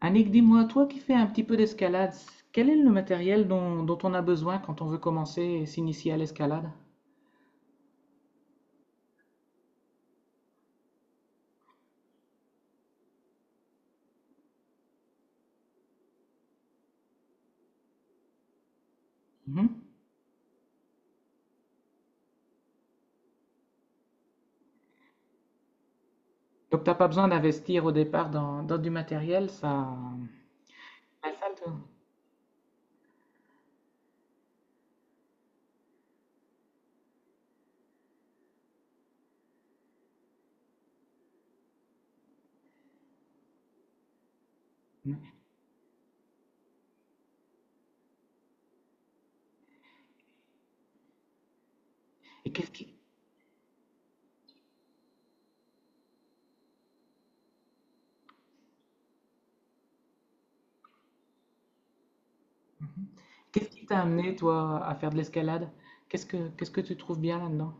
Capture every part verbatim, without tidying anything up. Annick, dis-moi, toi qui fais un petit peu d'escalade, quel est le matériel dont, dont on a besoin quand on veut commencer et s'initier à l'escalade? Mhm. Donc, t'as pas besoin d'investir au départ dans, dans du matériel, ça... Ouais, ça, le- et qu'est-ce qui, qu'est-ce qui t'a amené, toi, à faire de l'escalade? Qu'est-ce que, qu'est-ce que tu trouves bien là-dedans?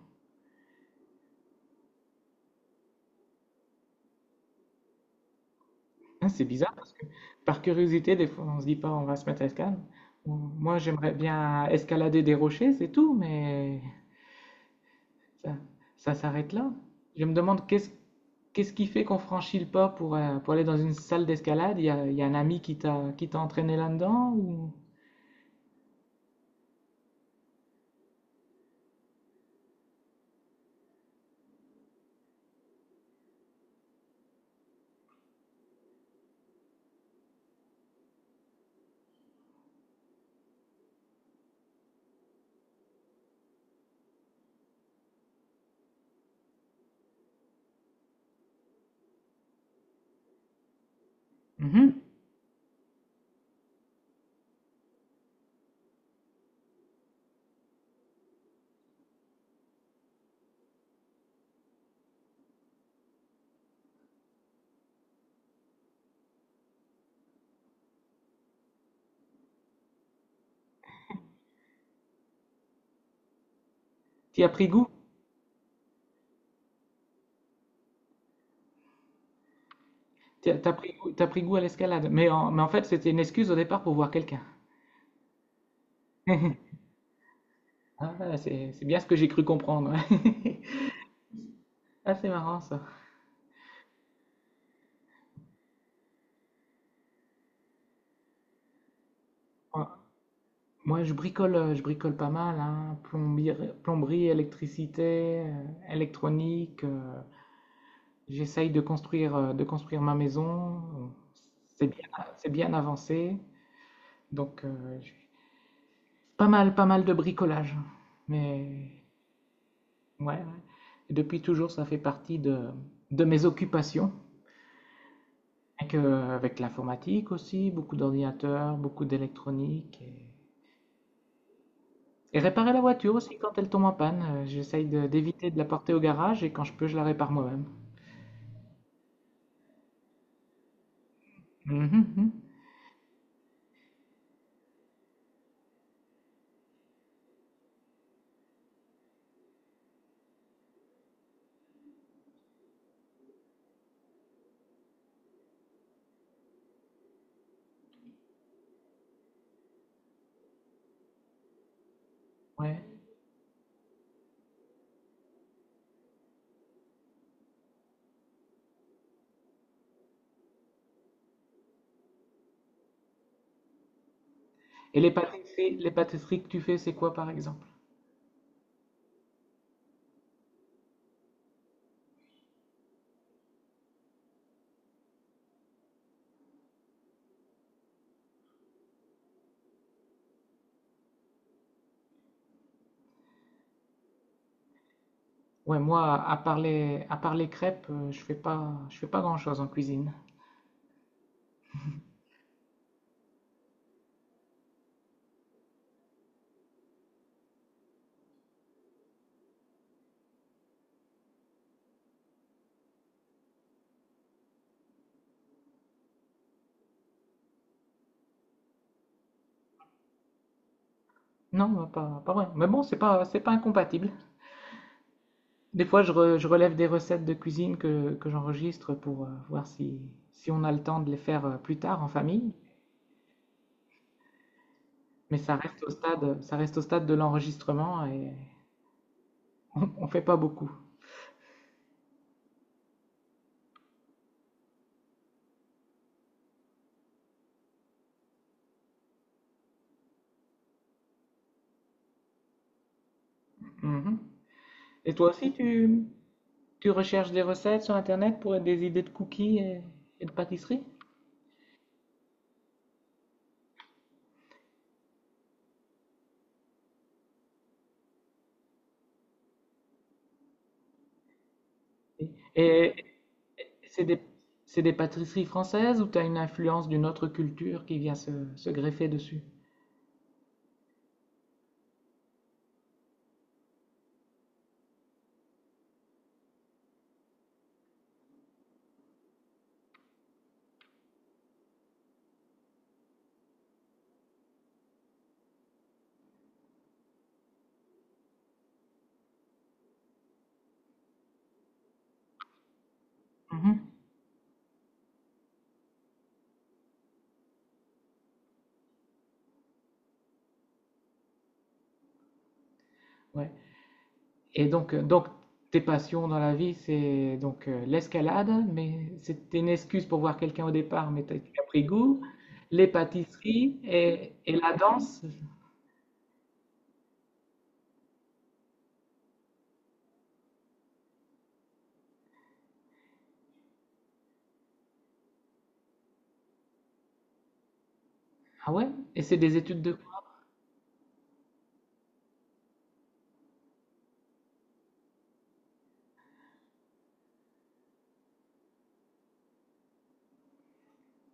Hein, c'est bizarre parce que, par curiosité, des fois, on se dit pas on va se mettre à escalade. Moi, j'aimerais bien escalader des rochers, c'est tout, mais... Ça, ça s'arrête là? Je me demande qu'est-ce qu'est-ce qui fait qu'on franchit le pas pour, euh, pour aller dans une salle d'escalade? Il y a, il y a un ami qui t'a qui t'a entraîné là-dedans ou tu as pris goût? T'y as t'as pris goût, t'as pris goût à l'escalade. Mais en, mais en fait, c'était une excuse au départ pour voir quelqu'un. Ah, c'est c'est bien ce que j'ai cru comprendre, ouais. Ah, c'est marrant ça. Moi, moi, je bricole, euh, je bricole pas mal, hein. Plombier- Plomberie, électricité, euh, électronique. euh, J'essaye de construire, euh, de construire ma maison. C'est bien, c'est bien avancé. Donc, euh, j'ai pas mal, pas mal de bricolage. Mais ouais, ouais. Et depuis toujours, ça fait partie de, de mes occupations. Avec, euh, avec l'informatique aussi, beaucoup d'ordinateurs, beaucoup d'électronique. Et, et réparer la voiture aussi quand elle tombe en panne. Euh, J'essaye de- d'éviter de la porter au garage et quand je peux, je la répare moi-même. Mhm, mhm. Ouais. Et les pâtisseries, les pâtisseries que tu fais, c'est quoi par exemple? Ouais, moi, à part les, à part les crêpes, euh, je fais pas, je fais pas grand-chose en cuisine. Non, euh, pas, pas vrai. Mais bon, c'est pas, c'est pas incompatible. Des fois, je, re- je relève des recettes de cuisine que, que j'enregistre pour euh, voir si, si on a le temps de les faire euh, plus tard en famille. Mais ça reste au stade, ça reste au stade de l'enregistrement et on, on fait pas beaucoup. Mhm. Et toi aussi, tu, tu recherches des recettes sur Internet pour des idées de cookies et, et de pâtisseries? Et, C'est des, c'est des pâtisseries françaises ou tu as une influence d'une autre culture qui vient se, se greffer dessus? Mhm. Ouais. Et donc, euh, donc, tes passions dans la vie, c'est donc euh, l'escalade, mais c'était une excuse pour voir quelqu'un au départ, mais t'as- tu as pris goût, les pâtisseries et, et la danse. Ah ouais? Et c'est des études de quoi?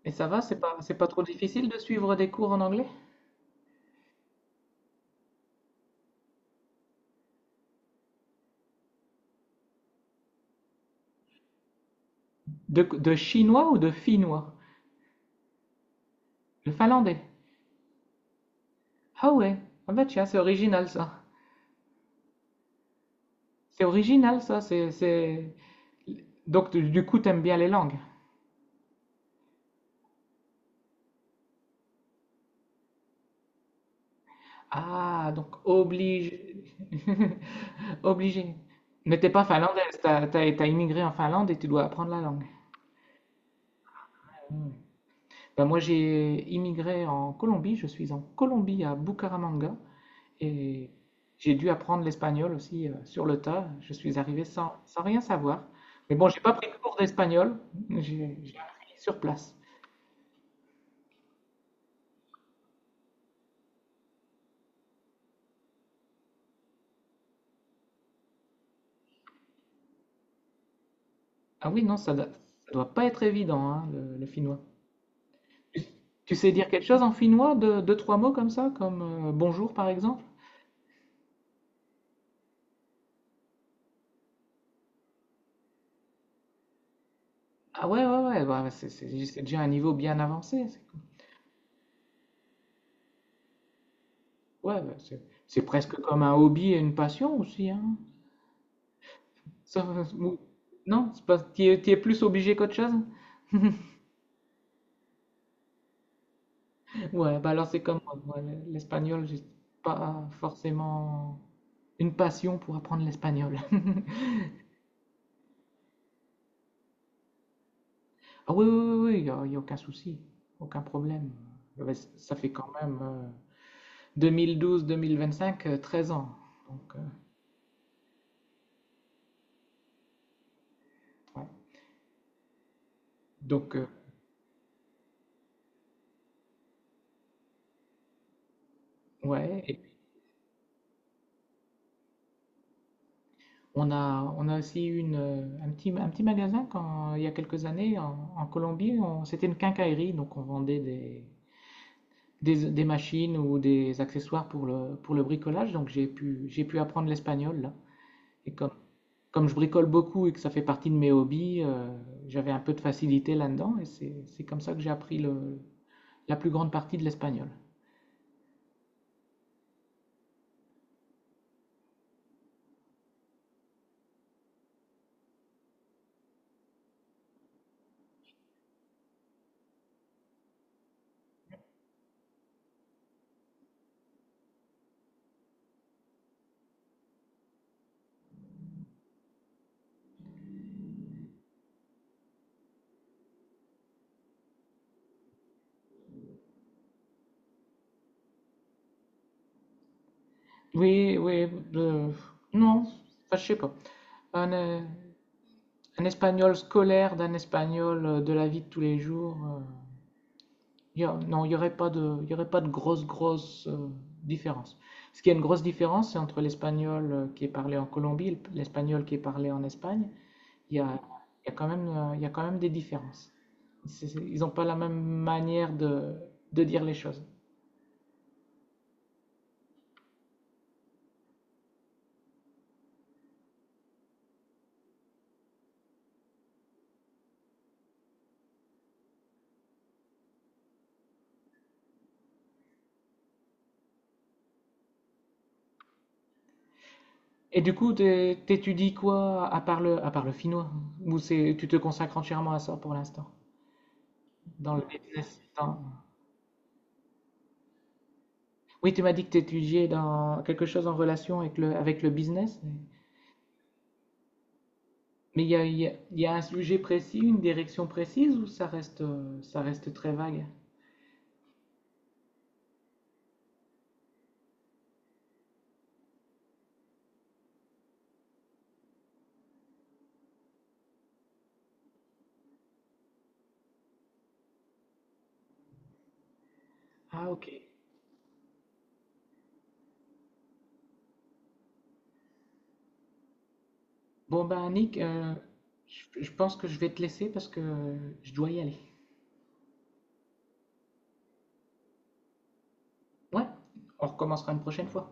Et ça va, c'est pas, c'est pas trop difficile de suivre des cours en anglais? De, de chinois ou de finnois? De finlandais? Ah ouais, ah bah tiens, c'est original ça. C'est original ça, c'est, c'est... Donc tu- du coup, t'aimes bien les langues. Ah, donc obligé. Obligé. Mais t'es pas finlandaise, t'as, t'as, t'as immigré en Finlande et tu dois apprendre la langue. Hmm. Ben, moi j'ai immigré en Colombie, je suis en Colombie à Bucaramanga et j'ai dû apprendre l'espagnol aussi euh, sur le tas. Je suis arrivé sans, sans rien savoir. Mais bon, j'ai pas pris de cours d'espagnol, j'ai j'ai appris sur place. Ah oui, non, ça ne doit pas être évident, hein, le, le finnois. Tu, tu sais dire quelque chose en finnois, de deux, trois mots comme ça, comme euh, bonjour par exemple? Ah ouais, ouais, ouais, bah, c'est c'est- c'est déjà un niveau bien avancé. c'est- Ouais, bah, c'est c'est presque comme un hobby et une passion aussi, hein. Ça- ou- non, c'est pas, t'y es, t'y es plus obligé qu'autre chose? Ouais, bah alors c'est comme moi, ouais, l'espagnol, j'ai pas forcément une passion pour apprendre l'espagnol. Ah oui, oui, oui, oui, il n'y a, il y a aucun souci, aucun problème. Ouais, c- ça fait quand même deux mille douze-deux mille vingt-cinq, 13 ans. Donc, euh, ouais. Donc, euh, ouais. Et on a, on a aussi eu une, euh, un petit, un petit magasin quand, il y a quelques années en, en Colombie. on- C'était une quincaillerie, donc on vendait des, des, des machines ou des accessoires pour le, pour le bricolage. Donc j'ai pu, j'ai pu apprendre l'espagnol là. Et comme comme je bricole beaucoup et que ça fait partie de mes hobbies, euh, j'avais un peu de facilité là-dedans et c'est, c'est comme ça que j'ai appris le, la plus grande partie de l'espagnol. Oui, oui, euh, non, enfin, je sais pas. Un, euh, un espagnol scolaire d'un espagnol euh, de la vie de tous les jours, euh, y a- non, il n'y aurait pas de, y aurait pas de grosse, grosse euh, différence. Ce qui est une grosse différence, c'est entre l'espagnol euh, qui est parlé en Colombie et l'espagnol qui est parlé en Espagne. Il y a, y a quand même, euh, il y a quand même des différences. C'est- c'est- Ils n'ont pas la même manière de, de dire les choses. Et du coup, t'é- t'étudies quoi à part le, à part le finnois? Ou c'est, tu te consacres entièrement à ça pour l'instant? Dans le business? dans- Oui, tu m'as dit que tu étudiais dans quelque chose en relation avec le, avec le business. Mais il y a, il y a- il y a un sujet précis, une direction précise ou ça reste, euh, ça reste très vague? Ah, ok. Bon, ben, Nick, euh, je, je pense que je vais te laisser parce que je dois y aller. Ouais, on recommencera une prochaine fois.